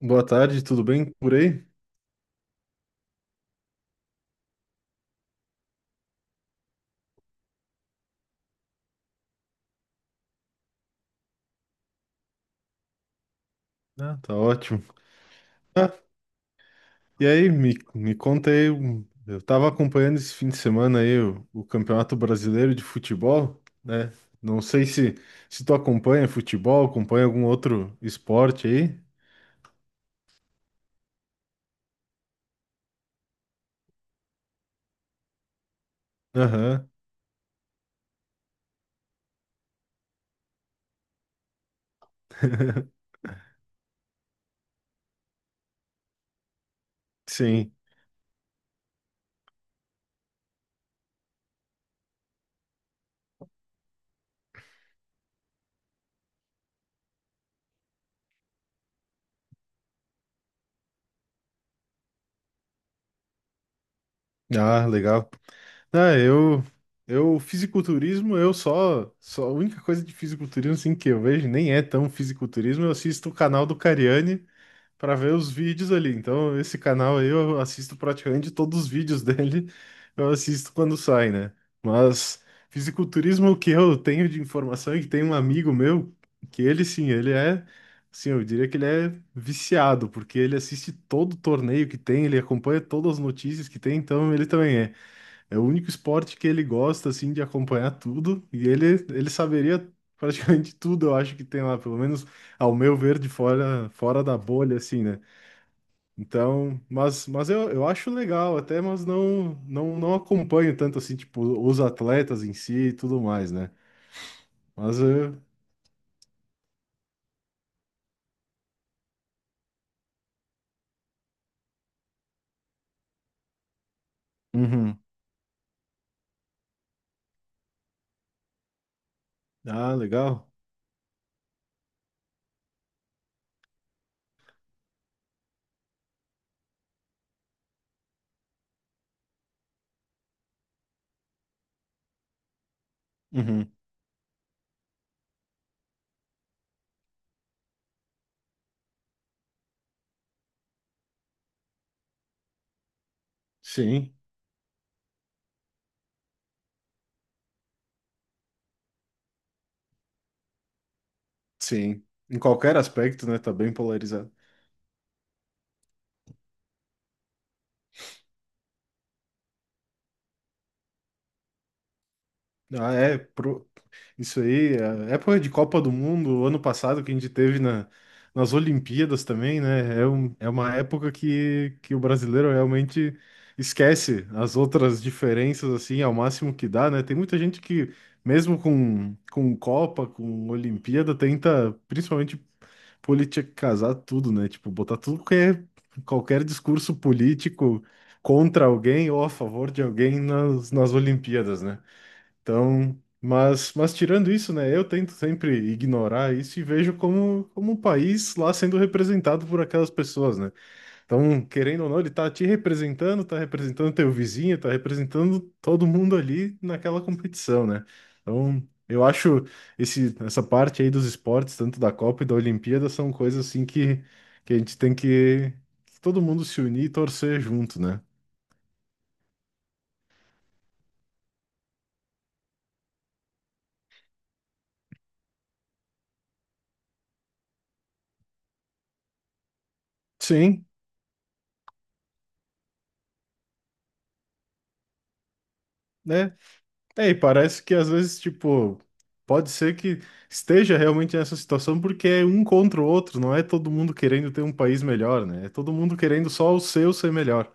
Boa tarde, tudo bem por aí? Ah, tá ótimo. Ah, e aí, me conta aí, eu tava acompanhando esse fim de semana aí o Campeonato Brasileiro de Futebol, né? Não sei se, se tu acompanha futebol, acompanha algum outro esporte aí. Aham, sim. Ah, legal. Ah, fisiculturismo, eu só a única coisa de fisiculturismo, assim, que eu vejo, nem é tão fisiculturismo, eu assisto o canal do Cariani, para ver os vídeos ali. Então, esse canal aí eu assisto praticamente todos os vídeos dele, eu assisto quando sai, né? Mas fisiculturismo, é o que eu tenho de informação é que tem um amigo meu que ele sim, eu diria que ele é viciado, porque ele assiste todo o torneio que tem, ele acompanha todas as notícias que tem, então ele também é. É o único esporte que ele gosta assim de acompanhar tudo e ele saberia praticamente tudo, eu acho que tem lá, pelo menos ao meu ver de fora, fora da bolha, assim, né? Então, mas eu acho legal até, mas não, não acompanho tanto assim, tipo, os atletas em si e tudo mais, né? Mas eu... Uhum. Ah, legal. Uhum. Sim, sim. Em qualquer aspecto, né? Tá bem polarizado. Ah, é, isso aí, a época de Copa do Mundo, ano passado, que a gente teve na, nas Olimpíadas também, né? É, é uma época que o brasileiro realmente esquece as outras diferenças, assim, ao máximo que dá, né? Tem muita gente que, mesmo com Copa, com Olimpíada, tenta, principalmente, politicazar tudo, né? Tipo, botar tudo que é qualquer discurso político contra alguém ou a favor de alguém nas, nas Olimpíadas, né? Então, mas tirando isso, né, eu tento sempre ignorar isso e vejo como, como um país lá sendo representado por aquelas pessoas, né? Então, querendo ou não, ele tá te representando, tá representando teu vizinho, tá representando todo mundo ali naquela competição, né? Então, eu acho essa parte aí dos esportes, tanto da Copa e da Olimpíada, são coisas assim que a gente tem que todo mundo se unir e torcer junto, né? Sim. Né? É, e parece que às vezes, tipo, pode ser que esteja realmente nessa situação porque é um contra o outro, não é todo mundo querendo ter um país melhor, né? É todo mundo querendo só o seu ser melhor.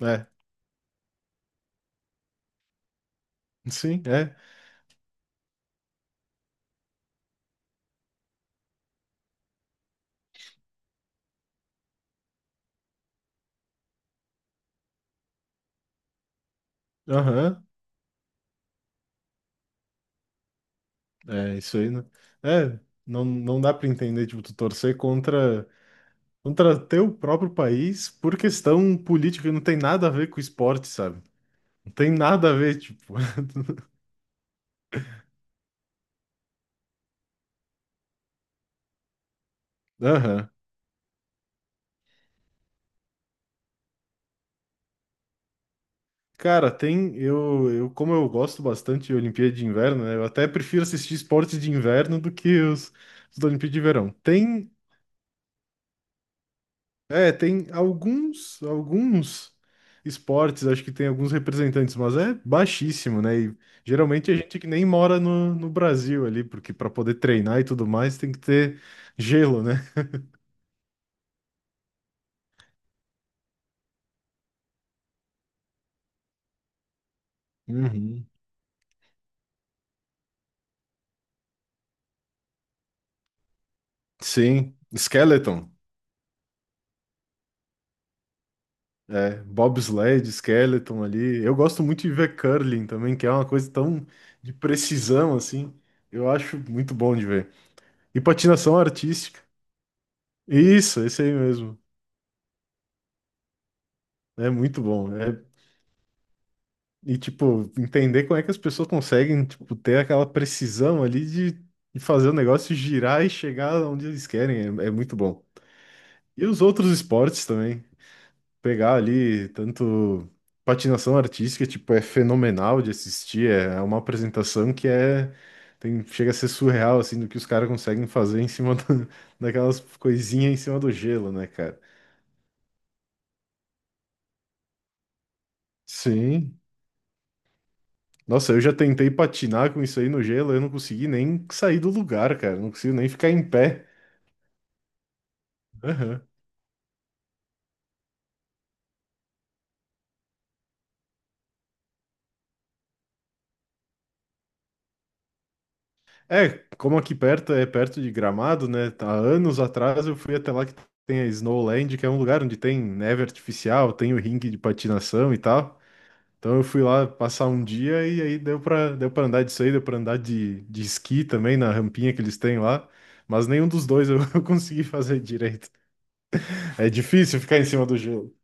É, sim, é. Aham, é isso aí, né? É, não, não dá pra entender, tipo, tu torcer contra, contra teu próprio país por questão política, não tem nada a ver com esporte, sabe? Não tem nada a ver, tipo. Aham. Cara, tem. Como eu gosto bastante de Olimpíada de Inverno, né? Eu até prefiro assistir esportes de inverno do que os da Olimpíada de Verão. Tem. É, tem alguns, alguns esportes, acho que tem alguns representantes, mas é baixíssimo, né? E geralmente a gente que nem mora no, no Brasil ali, porque para poder treinar e tudo mais tem que ter gelo, né? Uhum. Sim. Skeleton. É, bobsled, skeleton ali. Eu gosto muito de ver curling também, que é uma coisa tão de precisão assim. Eu acho muito bom de ver. E patinação artística. Isso, esse aí mesmo. É muito bom. É, e tipo, entender como é que as pessoas conseguem, tipo, ter aquela precisão ali de fazer o negócio girar e chegar onde eles querem. É, é muito bom. E os outros esportes também. Pegar ali tanto patinação artística, tipo, é fenomenal de assistir, é uma apresentação que chega a ser surreal assim do que os caras conseguem fazer em cima da- daquelas coisinhas em cima do gelo, né, cara? Sim. Nossa, eu já tentei patinar com isso aí no gelo, eu não consegui nem sair do lugar, cara, não consigo nem ficar em pé. É, como aqui perto é perto de Gramado, né? Há anos atrás eu fui até lá que tem a Snowland, que é um lugar onde tem neve artificial, tem o ringue de patinação e tal. Então eu fui lá passar um dia e aí deu pra andar disso aí, deu pra andar de esqui também na rampinha que eles têm lá. Mas nenhum dos dois eu consegui fazer direito. É difícil ficar em cima do gelo.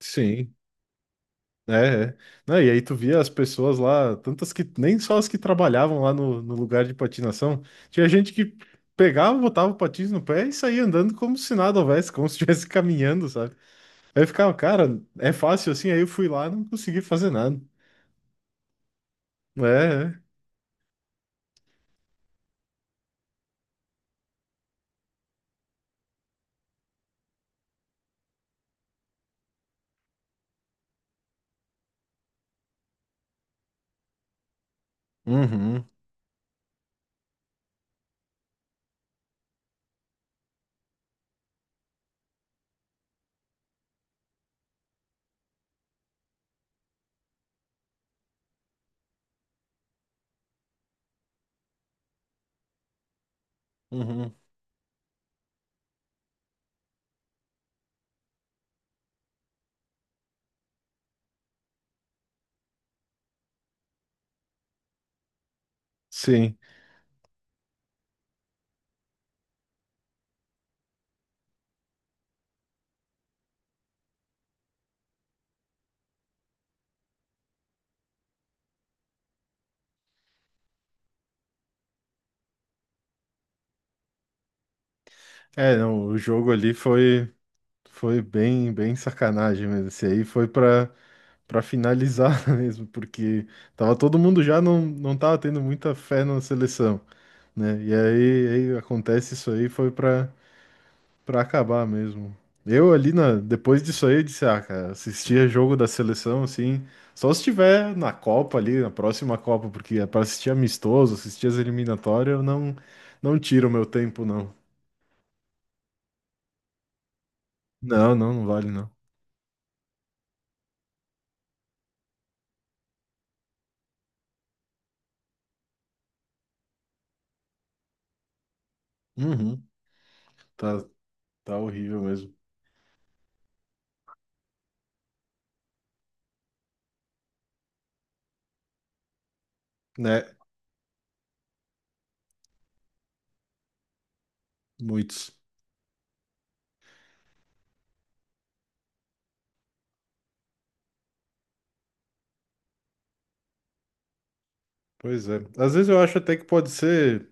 Sim. É, é. Não, e aí tu via as pessoas lá, tantas que nem só as que trabalhavam lá no, no lugar de patinação, tinha gente que pegava, botava o patins no pé e saía andando como se nada houvesse, como se estivesse caminhando, sabe? Aí eu ficava, cara, é fácil assim, aí eu fui lá e não consegui fazer nada. É, é. Uhum, uhum. Sim. É, não, o jogo ali foi bem, bem sacanagem mesmo. Esse aí foi pra para finalizar mesmo, porque tava todo mundo já não, não tava tendo muita fé na seleção, né? E aí, aí acontece isso aí, foi para acabar mesmo. Eu ali na depois disso aí eu disse, ah, cara, assistia jogo da seleção assim, só se tiver na Copa ali, na próxima Copa, porque é para assistir amistoso, assistir as eliminatórias, eu não tiro o meu tempo não. Não, não vale não. Uhum, tá tá horrível mesmo, né? Muitos. Pois é. Às vezes eu acho até que pode ser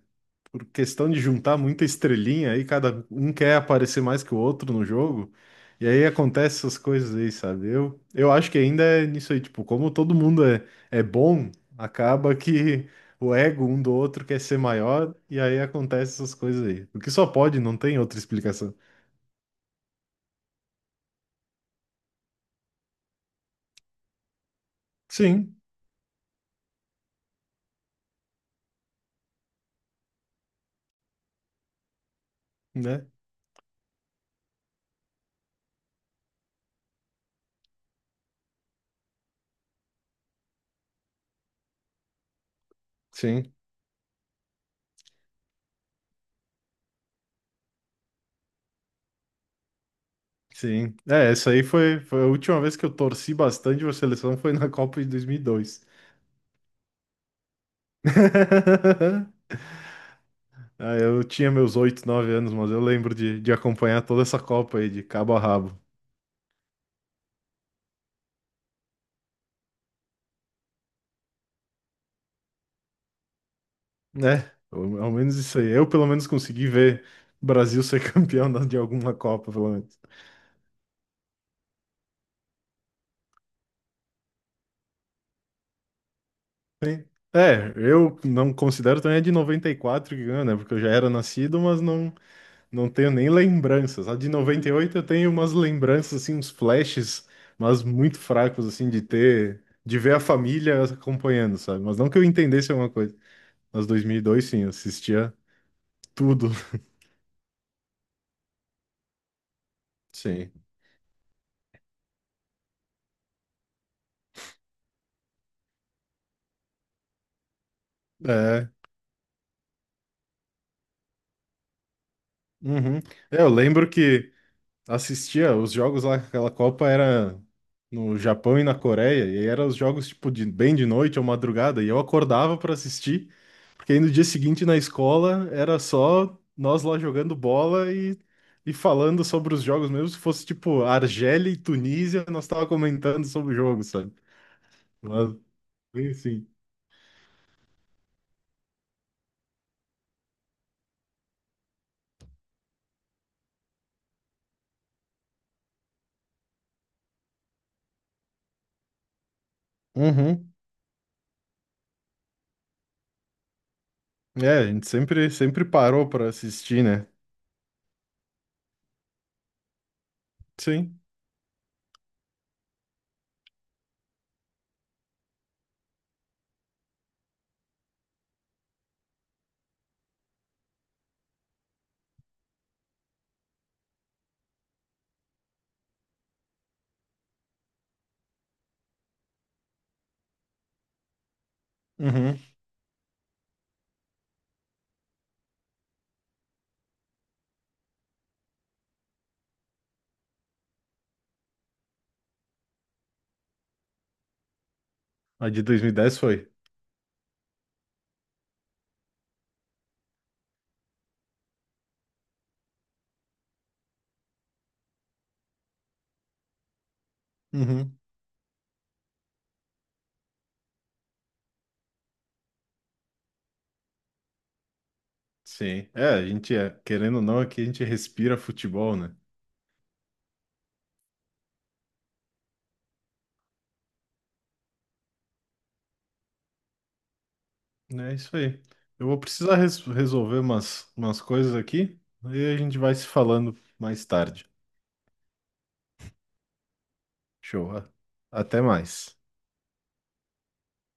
por questão de juntar muita estrelinha aí, cada um quer aparecer mais que o outro no jogo. E aí acontece essas coisas aí, sabe? Eu acho que ainda é nisso aí, tipo, como todo mundo é, é bom, acaba que o ego um do outro quer ser maior, e aí acontece essas coisas aí. O que só pode, não tem outra explicação. Sim, né? Sim, sim. É, essa aí foi, foi a última vez que eu torci bastante pra seleção, foi na Copa de 2002. Ah, eu tinha meus 8, 9 anos, mas eu lembro de acompanhar toda essa Copa aí de cabo a rabo, né? Ao ao menos isso aí. Eu, pelo menos, consegui ver o Brasil ser campeão de alguma Copa, pelo menos. Sim. É, eu não considero também a de 94 que ganhou, né? Porque eu já era nascido, mas não, não tenho nem lembranças. A de 98 eu tenho umas lembranças, assim, uns flashes, mas muito fracos, assim, de ver a família acompanhando, sabe? Mas não que eu entendesse alguma coisa. Mas mil e dois, sim, eu assistia tudo. Sim. É. Uhum. É, eu lembro que assistia os jogos lá, aquela Copa era no Japão e na Coreia, e eram os jogos tipo de, bem de noite ou madrugada, e eu acordava para assistir, porque aí no dia seguinte na escola era só nós lá jogando bola e falando sobre os jogos, mesmo se fosse tipo Argélia e Tunísia, nós tava comentando sobre o jogo, sabe? Mas, enfim. Uhum. É, a gente sempre, sempre parou para assistir, né? Sim. Uhum. A de 2010 foi. Uhum. Sim. É, a gente, é, querendo ou não, aqui a gente respira futebol, né? É isso aí. Eu vou precisar resolver umas, umas coisas aqui, aí a gente vai se falando mais tarde. Show. A- Até mais.